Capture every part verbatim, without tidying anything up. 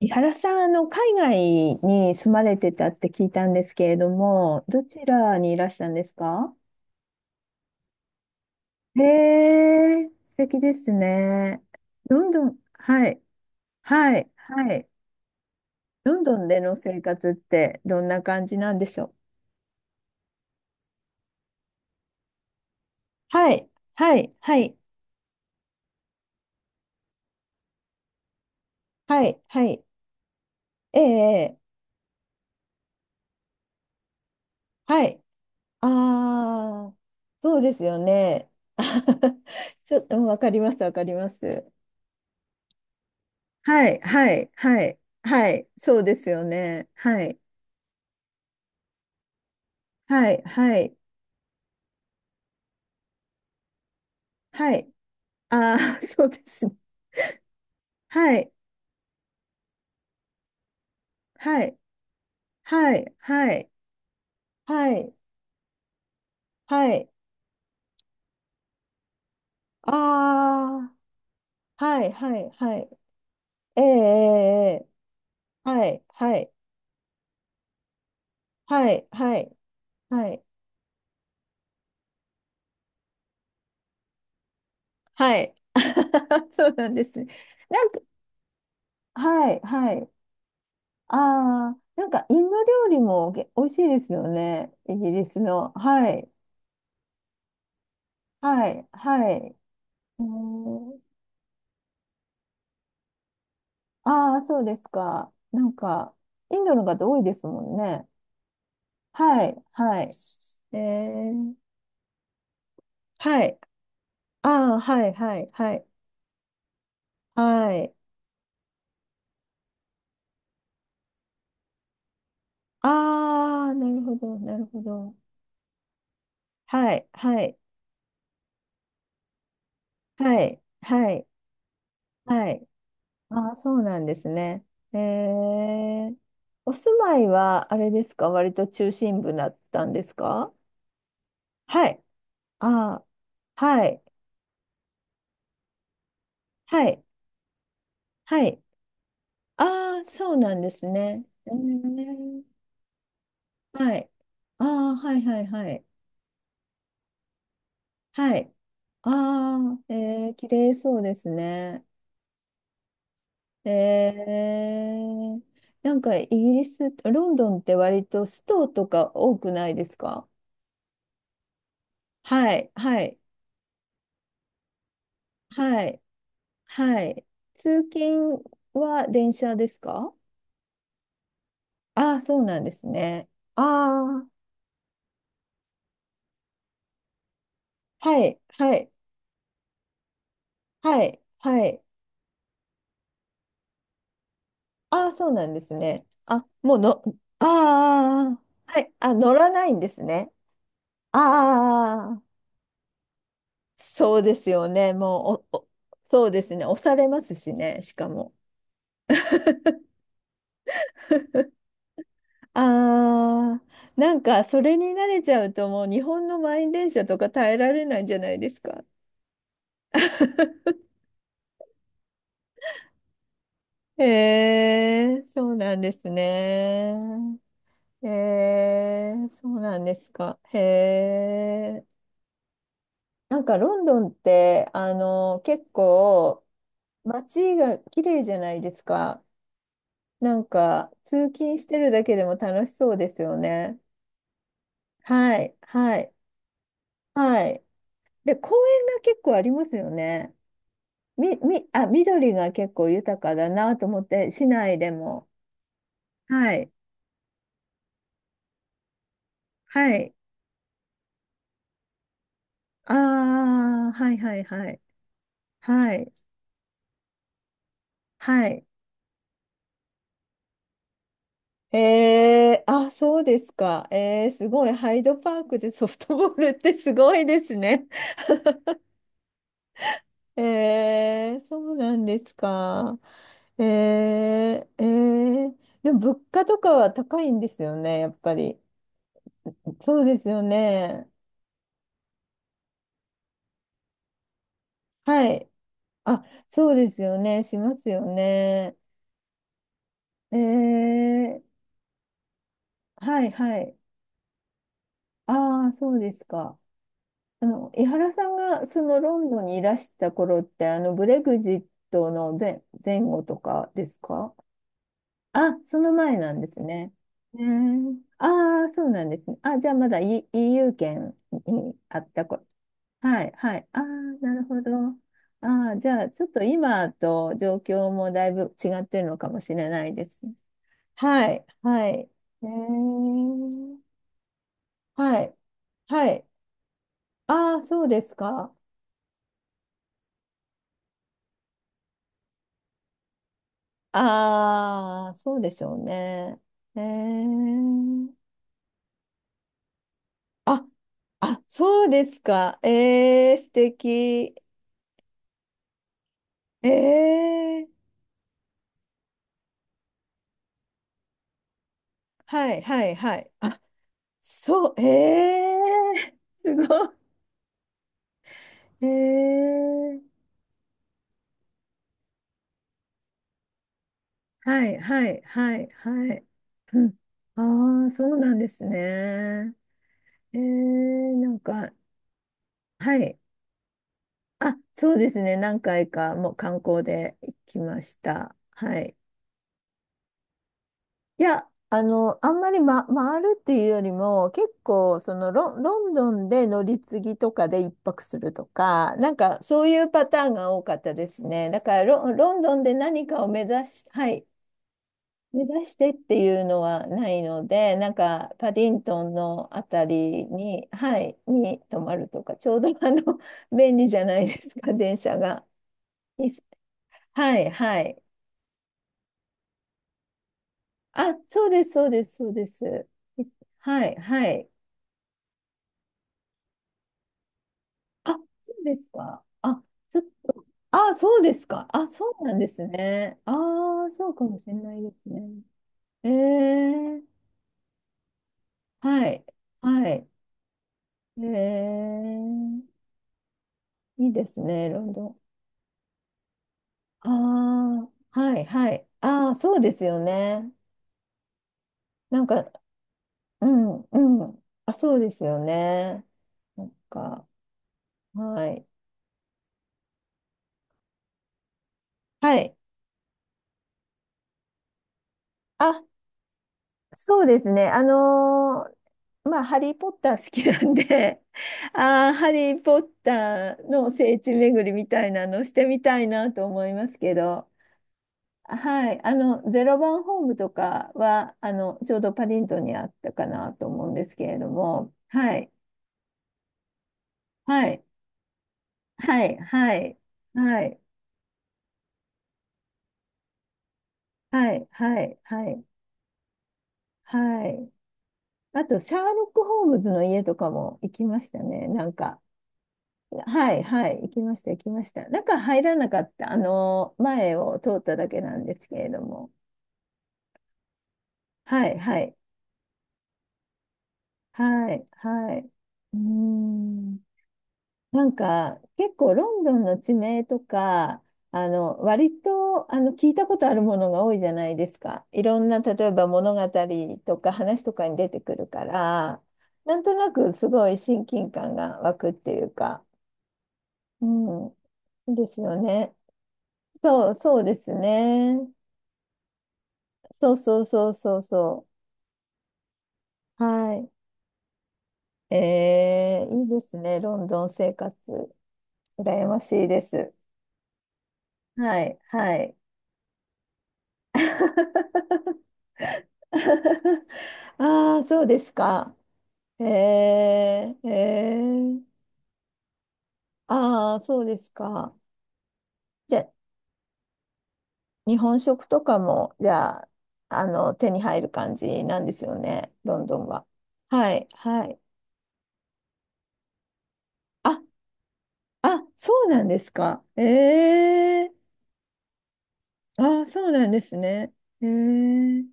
井原さん、あの、海外に住まれてたって聞いたんですけれども、どちらにいらしたんですか？へえ、素敵ですね。ロンドン、はい、はい、はい。ロンドンでの生活ってどんな感じなんでしょう？はい、はい、はい、はい、はい。ええ、はい。ああ、そうですよね。ちょっと、うんわかります、わかります。はい、はい、はい、はい、そうですよね。はい、はい、はい、はい、ああ、そうですね。はい、はい、はい、はい、はい、はい、ああ、はい、はい、はい、ええ、ええ、ええはい、はい、はい、はい、はい、はい、そうなんですね。はい、はい、ああ、なんかインド料理もげ美味しいですよね。イギリスの。はい、はい、はい。うん。ああ、そうですか。なんか、インドの方多いですもんね。はい、はい。えー、はい。ああ、はい、はい、はい。はい。ああ、なるほど、なるほど。はい、はい、はい、はい、はい。ああ、そうなんですね。えー、お住まいは、あれですか、割と中心部だったんですか？はい。ああ、はい、はい、はい。ああ、そうなんですね。えー、はい。ああ、はいはいはい。はい。ああ、えー、綺麗そうですね。えー、なんかイギリス、ロンドンって割とストとか多くないですか？はい、はい、はい、はい。通勤は電車ですか？ああー、そうなんですね。ああ、はい、はい、はい、はい。ああ、そうなんですね。あ、もうの、ああ、ああはい、あ、乗らないんですね。ああ、そうですよね。もう、お、お、そうですね。押されますしね、しかも。ああ、なんか、それに慣れちゃうと、もう日本の満員電車とか耐えられないんじゃないですか。へえ、そうなんですね。へえ、そうなんですか。へえ。なんかロンドンって、あの、結構、街が綺麗じゃないですか。なんか、通勤してるだけでも楽しそうですよね。はい、はい、はい。で、公園が結構ありますよね。み、み、あ、緑が結構豊かだなと思って、市内でも。はい、はい。ああ、はい、はい、はい。はい、はい。えー、あ、そうですか。えー、すごい。ハイドパークでソフトボールってすごいですね。えー、そうなんですか。えー、えー、でも物価とかは高いんですよね、やっぱり。そうですよね。はい。あ、そうですよね。しますよね。えー、はいはい。ああ、そうですか。あの、井原さんがそのロンドンにいらした頃って、あの、ブレグジットの前、前後とかですか？あ、その前なんですね。えー、ああ、そうなんですね。あ、じゃあまだ、e、イーユー 圏にあったこはい、はい。ああ、なるほど。ああ、じゃあちょっと今と状況もだいぶ違ってるのかもしれないですね？はい、はい。えー、はい、はい。ああ、そうですか。ああ、そうでしょうね。えー、あ、あ、そうですか。えー、素敵。ええーはいはいはい。あ、そう、ええー すごい。ええーはいはいはいはい。うん。ああ、そうなんですね。ええーなんか、はい。あ、そうですね。何回かもう観光で行きました。はい。いや、あの、あんまり、ま、回るっていうよりも、結構、そのロン、ロンドンで乗り継ぎとかで一泊するとか、なんかそういうパターンが多かったですね。だからロン、ロンドンで何かを目指し、はい、目指してっていうのはないので、なんかパディントンのあたりに、はい、に泊まるとか、ちょうどあの、便利じゃないですか、電車が。いいっすはい、はい。あ、そうです、そうです、そうです。いはい、はい。あ、そうですか。あ、ちょっと、あ、そうですか。あ、そうなんですね。ああ、そうかもしれないですね。ええはい、はい。ええいいですね、ロンドン。ああ、はい、はい。ああ、そうですよね。なんか、うん、うん。あ、そうですよね。なんか、はい。はい。あ、そうですね。あのまあ、ハリー・ポッター好きなんで、ああ、ハリー・ポッターの聖地巡りみたいなのしてみたいなと思いますけど、はい、あの、ゼロ番ホームとかは、あの、ちょうどパディントンにあったかなと思うんですけれども、はい、はい、はい、はい、はい、はい、はい、はい、はい。あと、シャーロック・ホームズの家とかも行きましたね、なんか。はい、はい、行きました、行きました。中入らなかった、あの、前を通っただけなんですけれども。はい、はい、はい、はい。うーん、なんか、結構ロンドンの地名とか、あの、割と、あの、聞いたことあるものが多いじゃないですか。いろんな、例えば物語とか話とかに出てくるから、なんとなくすごい親近感が湧くっていうか、うん、いいですよね。そう、そうですね。そうそうそうそうそう。はい。えー、いいですね。ロンドン生活。羨ましいです。はい、はい。ああ、そうですか。えー、えー、ああ、そうですか。じゃ日本食とかも、じゃあ、あの、手に入る感じなんですよね、ロンドンは。はい、はい。あ、あ、そうなんですか。ええああ、そうなんですね。へえ。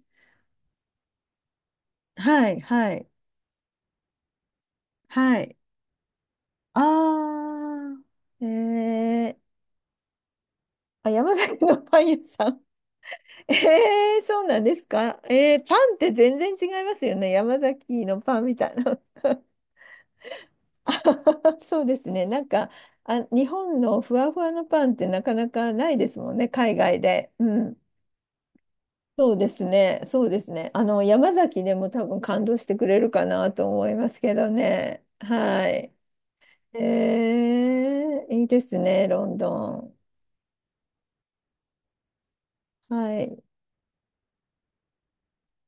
はい、はい、はい。ああ、ええ。あ、山崎のパン屋さん。ええ、そうなんですか。ええ、パンって全然違いますよね。山崎のパンみたいな。あははそうですね。なんか、あ、日本のふわふわのパンってなかなかないですもんね、海外で。うん。そうですね。そうですね。あの、山崎でも多分感動してくれるかなと思いますけどね。はい。えー、いいですね、ロンドン。はい。